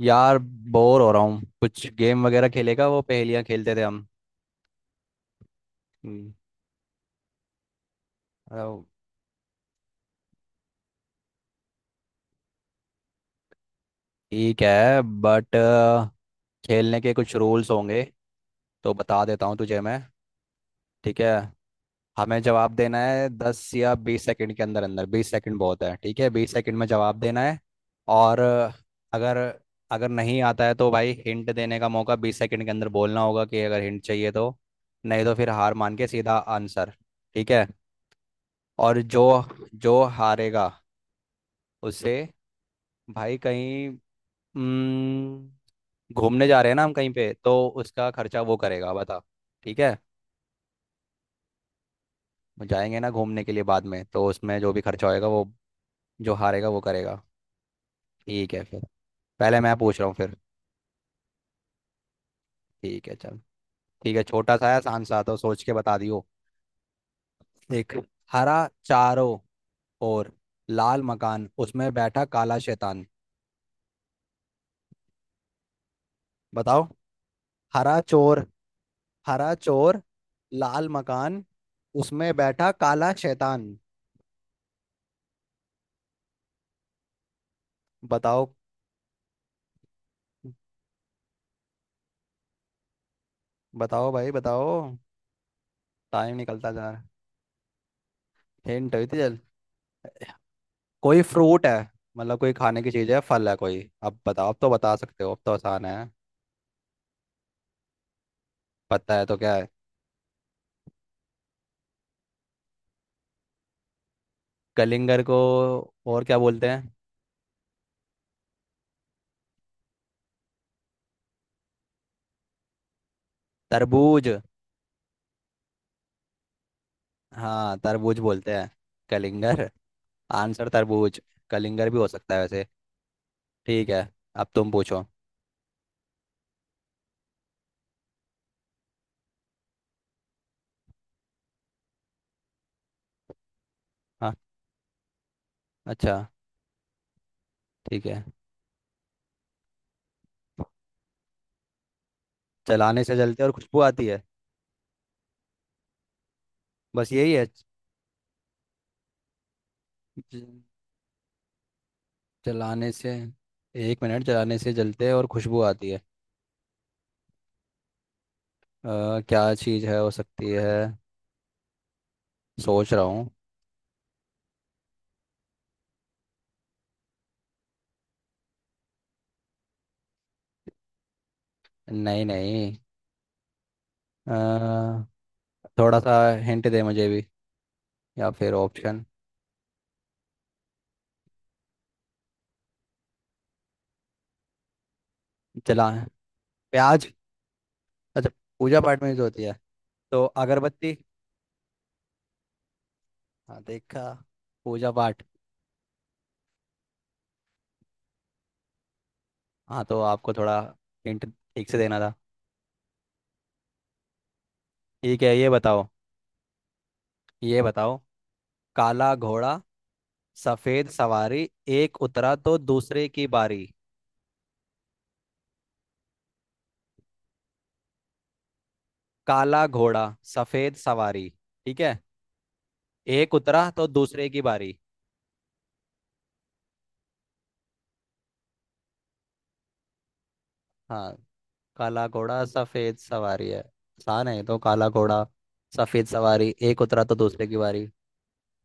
यार, बोर हो रहा हूँ। कुछ गेम वगैरह खेलेगा? वो पहेलियाँ खेलते थे हम। हम्म, अ, ठीक है, बट खेलने के कुछ रूल्स होंगे, तो बता देता हूँ तुझे मैं। ठीक है। हमें जवाब देना है 10 या 20 सेकंड के अंदर अंदर। 20 सेकंड बहुत है, ठीक है। 20 सेकंड में जवाब देना है। और अगर अगर नहीं आता है तो भाई हिंट देने का मौका, 20 सेकंड के अंदर बोलना होगा कि अगर हिंट चाहिए तो। नहीं तो फिर हार मान के सीधा आंसर। ठीक है। और जो जो हारेगा उससे, भाई कहीं हम्म, घूमने जा रहे हैं ना हम कहीं पे, तो उसका खर्चा वो करेगा, बता। ठीक है। वो जाएंगे ना घूमने के लिए बाद में, तो उसमें जो भी खर्चा होएगा, वो जो हारेगा वो करेगा। ठीक है फिर। पहले मैं पूछ रहा हूँ फिर। ठीक है, चल। ठीक है, छोटा सा है, आसान सा, तो सोच के बता दियो। एक हरा चारों और लाल मकान, उसमें बैठा काला शैतान। बताओ। हरा चोर। हरा चोर। लाल मकान, उसमें बैठा काला शैतान। बताओ। बताओ भाई बताओ, टाइम निकलता जा रहा है। हिंट हुई थी, चल। कोई फ्रूट है, मतलब कोई खाने की चीज है, फल है कोई। अब बताओ, अब तो बता सकते हो, अब तो आसान है। पता है तो क्या है? कलिंगर को और क्या बोलते हैं? तरबूज। हाँ, तरबूज बोलते हैं कलिंगर। आंसर तरबूज। कलिंगर भी हो सकता है वैसे। ठीक है, अब तुम पूछो। हाँ। अच्छा। ठीक है। चलाने से जलते और खुशबू आती है? बस यही है? च- चलाने से। एक मिनट, चलाने से जलते और खुशबू आती है। अ, क्या चीज़ है हो सकती है? सोच रहा हूँ। नहीं नहीं। अ, थोड़ा सा हिंट दे मुझे भी, या फिर ऑप्शन। जला, प्याज। अच्छा, पूजा पाठ में यूज होती है? तो अगरबत्ती। हाँ देखा, पूजा पाठ। हाँ, तो आपको थोड़ा हिंट ठीक से देना था। ठीक है, ये बताओ। ये बताओ। काला घोड़ा सफेद सवारी, एक उतरा तो दूसरे की बारी। काला घोड़ा सफेद सवारी, ठीक है। एक उतरा तो दूसरे की बारी। हाँ, काला घोड़ा सफेद सवारी है, आसान है। तो काला घोड़ा सफेद सवारी, एक उतरा तो दूसरे की बारी।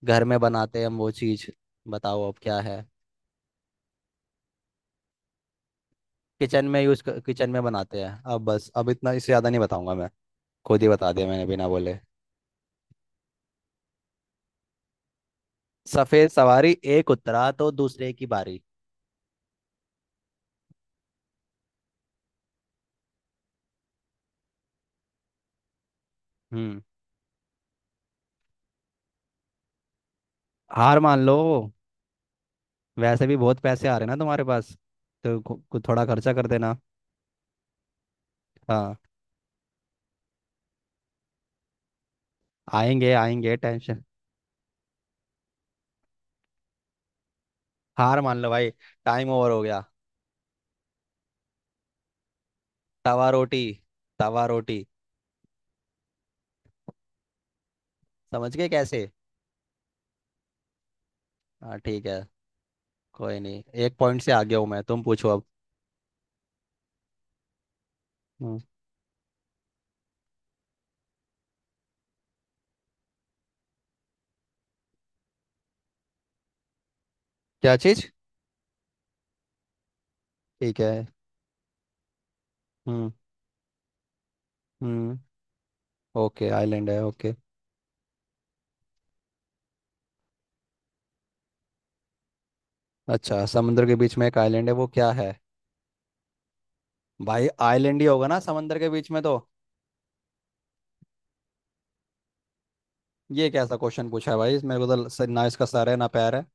घर में बनाते हैं हम वो चीज। बताओ अब क्या है। किचन में यूज, किचन में बनाते हैं। अब बस, अब इतना, इससे ज्यादा नहीं बताऊंगा मैं। खुद ही बता दिया मैंने बिना बोले। सफेद सवारी एक उतरा तो दूसरे की बारी। हम्म हार मान लो। वैसे भी बहुत पैसे आ रहे ना तुम्हारे पास, तो कु- कु- थोड़ा खर्चा कर देना। हाँ, आएंगे आएंगे, टेंशन। हार मान लो भाई, टाइम ओवर हो गया। तवा रोटी। तवा रोटी। समझ गए कैसे? हाँ ठीक है। कोई नहीं, एक पॉइंट से आगे हूँ मैं। तुम पूछो अब। हम्म, क्या चीज। ठीक है। हम्म हम्म ओके, आइलैंड है, ओके। अच्छा, समुद्र के बीच में एक आइलैंड है, वो क्या है? भाई, आइलैंड ही होगा ना समंदर के बीच में तो। ये कैसा क्वेश्चन पूछा है भाई मेरे को, तो ना इसका सर है ना पैर है।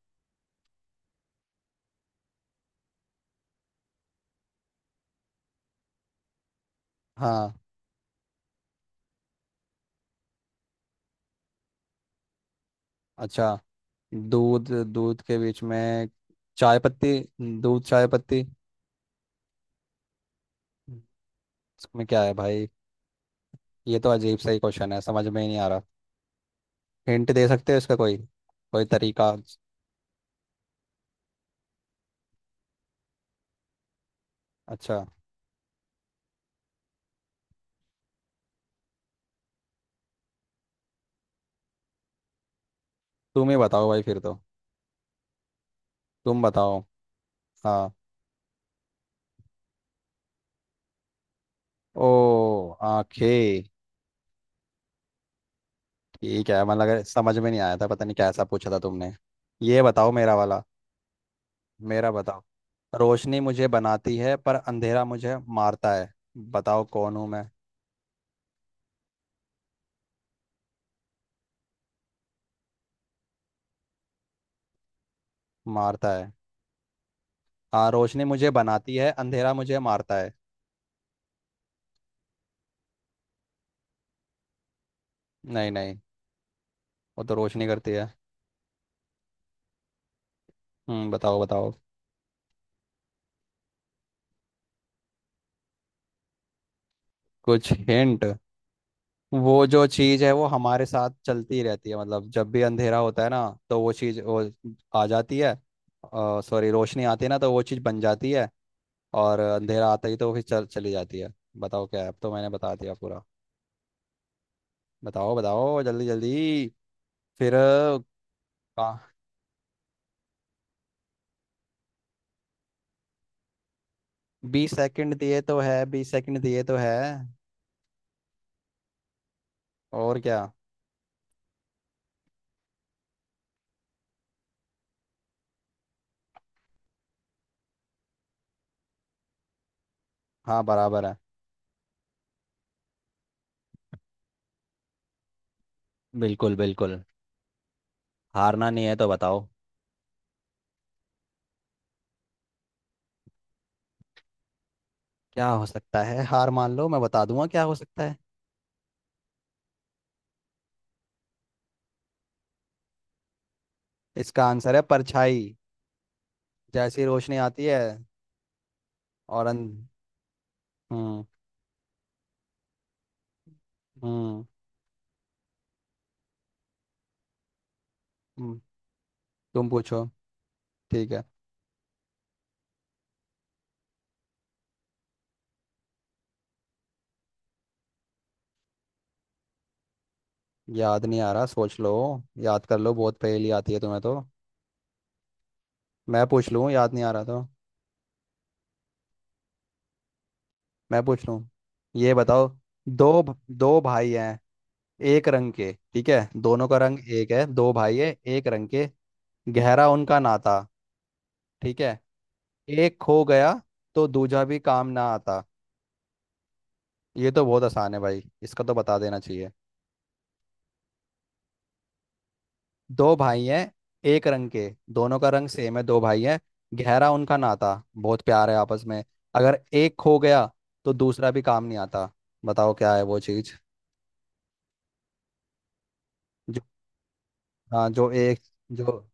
हाँ। अच्छा, दूध। दूध के बीच में चाय पत्ती। दूध चाय पत्ती। इसमें क्या है भाई? ये तो अजीब सा ही क्वेश्चन है, समझ में ही नहीं आ रहा। हिंट दे सकते हो इसका कोई, कोई तरीका? अच्छा। तुम ही बताओ भाई फिर तो। तुम बताओ। हाँ। ओ, आंखें। ठीक है, मतलब अगर समझ में नहीं आया था, पता नहीं कैसा पूछा था तुमने। ये बताओ, मेरा वाला। मेरा बताओ। रोशनी मुझे बनाती है पर अंधेरा मुझे मारता है। बताओ कौन हूँ मैं। मारता है। हाँ, रोशनी मुझे बनाती है, अंधेरा मुझे मारता है। नहीं नहीं, वो तो रोशनी करती है। बताओ बताओ, कुछ हिंट। वो जो चीज है वो हमारे साथ चलती रहती है, मतलब जब भी अंधेरा होता है ना, तो वो चीज वो आ जाती है। सॉरी, रोशनी आती है ना तो वो चीज बन जाती है, और अंधेरा आता ही तो वो फिर चल चली जाती है। बताओ क्या है, अब तो मैंने बता दिया पूरा। बताओ बताओ जल्दी जल्दी। फिर। 20 सेकंड दिए तो है, 20 सेकंड दिए तो है। और क्या। हाँ बराबर है। बिल्कुल बिल्कुल। हारना नहीं है तो बताओ। क्या हो सकता है? हार मान लो, मैं बता दूंगा क्या हो सकता है। इसका आंसर है परछाई, जैसी रोशनी आती है, और हम्म हम्म हम्म, तुम पूछो। ठीक है। याद नहीं आ रहा, सोच लो। याद कर लो, बहुत पहेली आती है तुम्हें तो। मैं पूछ लूँ, याद नहीं आ रहा तो। मैं पूछ लूँ, ये बताओ। दो भाई हैं, एक रंग के, ठीक है। दोनों का रंग एक है, दो भाई है, एक रंग के। गहरा उनका नाता, ठीक है। एक खो गया, तो दूजा भी काम ना आता। ये तो बहुत आसान है भाई, इसका तो बता देना चाहिए। दो भाई हैं, एक रंग के, दोनों का रंग सेम है, दो भाई हैं, गहरा उनका नाता, बहुत प्यार है आपस में। अगर एक खो गया तो दूसरा भी काम नहीं आता। बताओ क्या है वो चीज। जो, हाँ, जो एक जो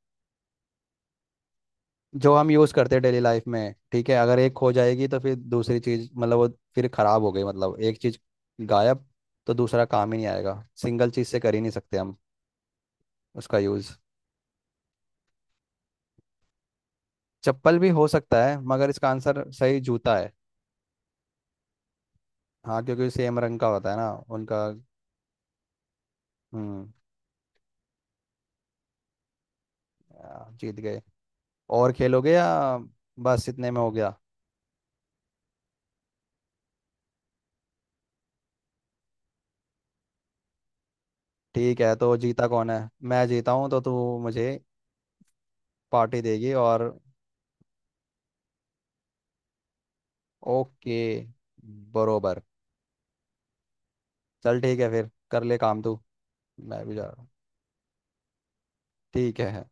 जो हम यूज करते हैं डेली लाइफ में, ठीक है। अगर एक खो जाएगी तो फिर दूसरी चीज मतलब वो फिर खराब हो गई, मतलब एक चीज गायब, तो दूसरा काम ही नहीं आएगा, सिंगल चीज से कर ही नहीं सकते हम उसका यूज। चप्पल भी हो सकता है, मगर इसका आंसर सही जूता है। हाँ, क्योंकि सेम रंग का होता है ना उनका। हम्म आ, जीत गए। और खेलोगे, या बस इतने में हो गया? ठीक है, तो जीता कौन है। मैं जीता हूँ, तो तू मुझे पार्टी देगी और। ओके। बरोबर। चल ठीक है फिर, कर ले काम तू। मैं भी जा रहा हूँ, ठीक है।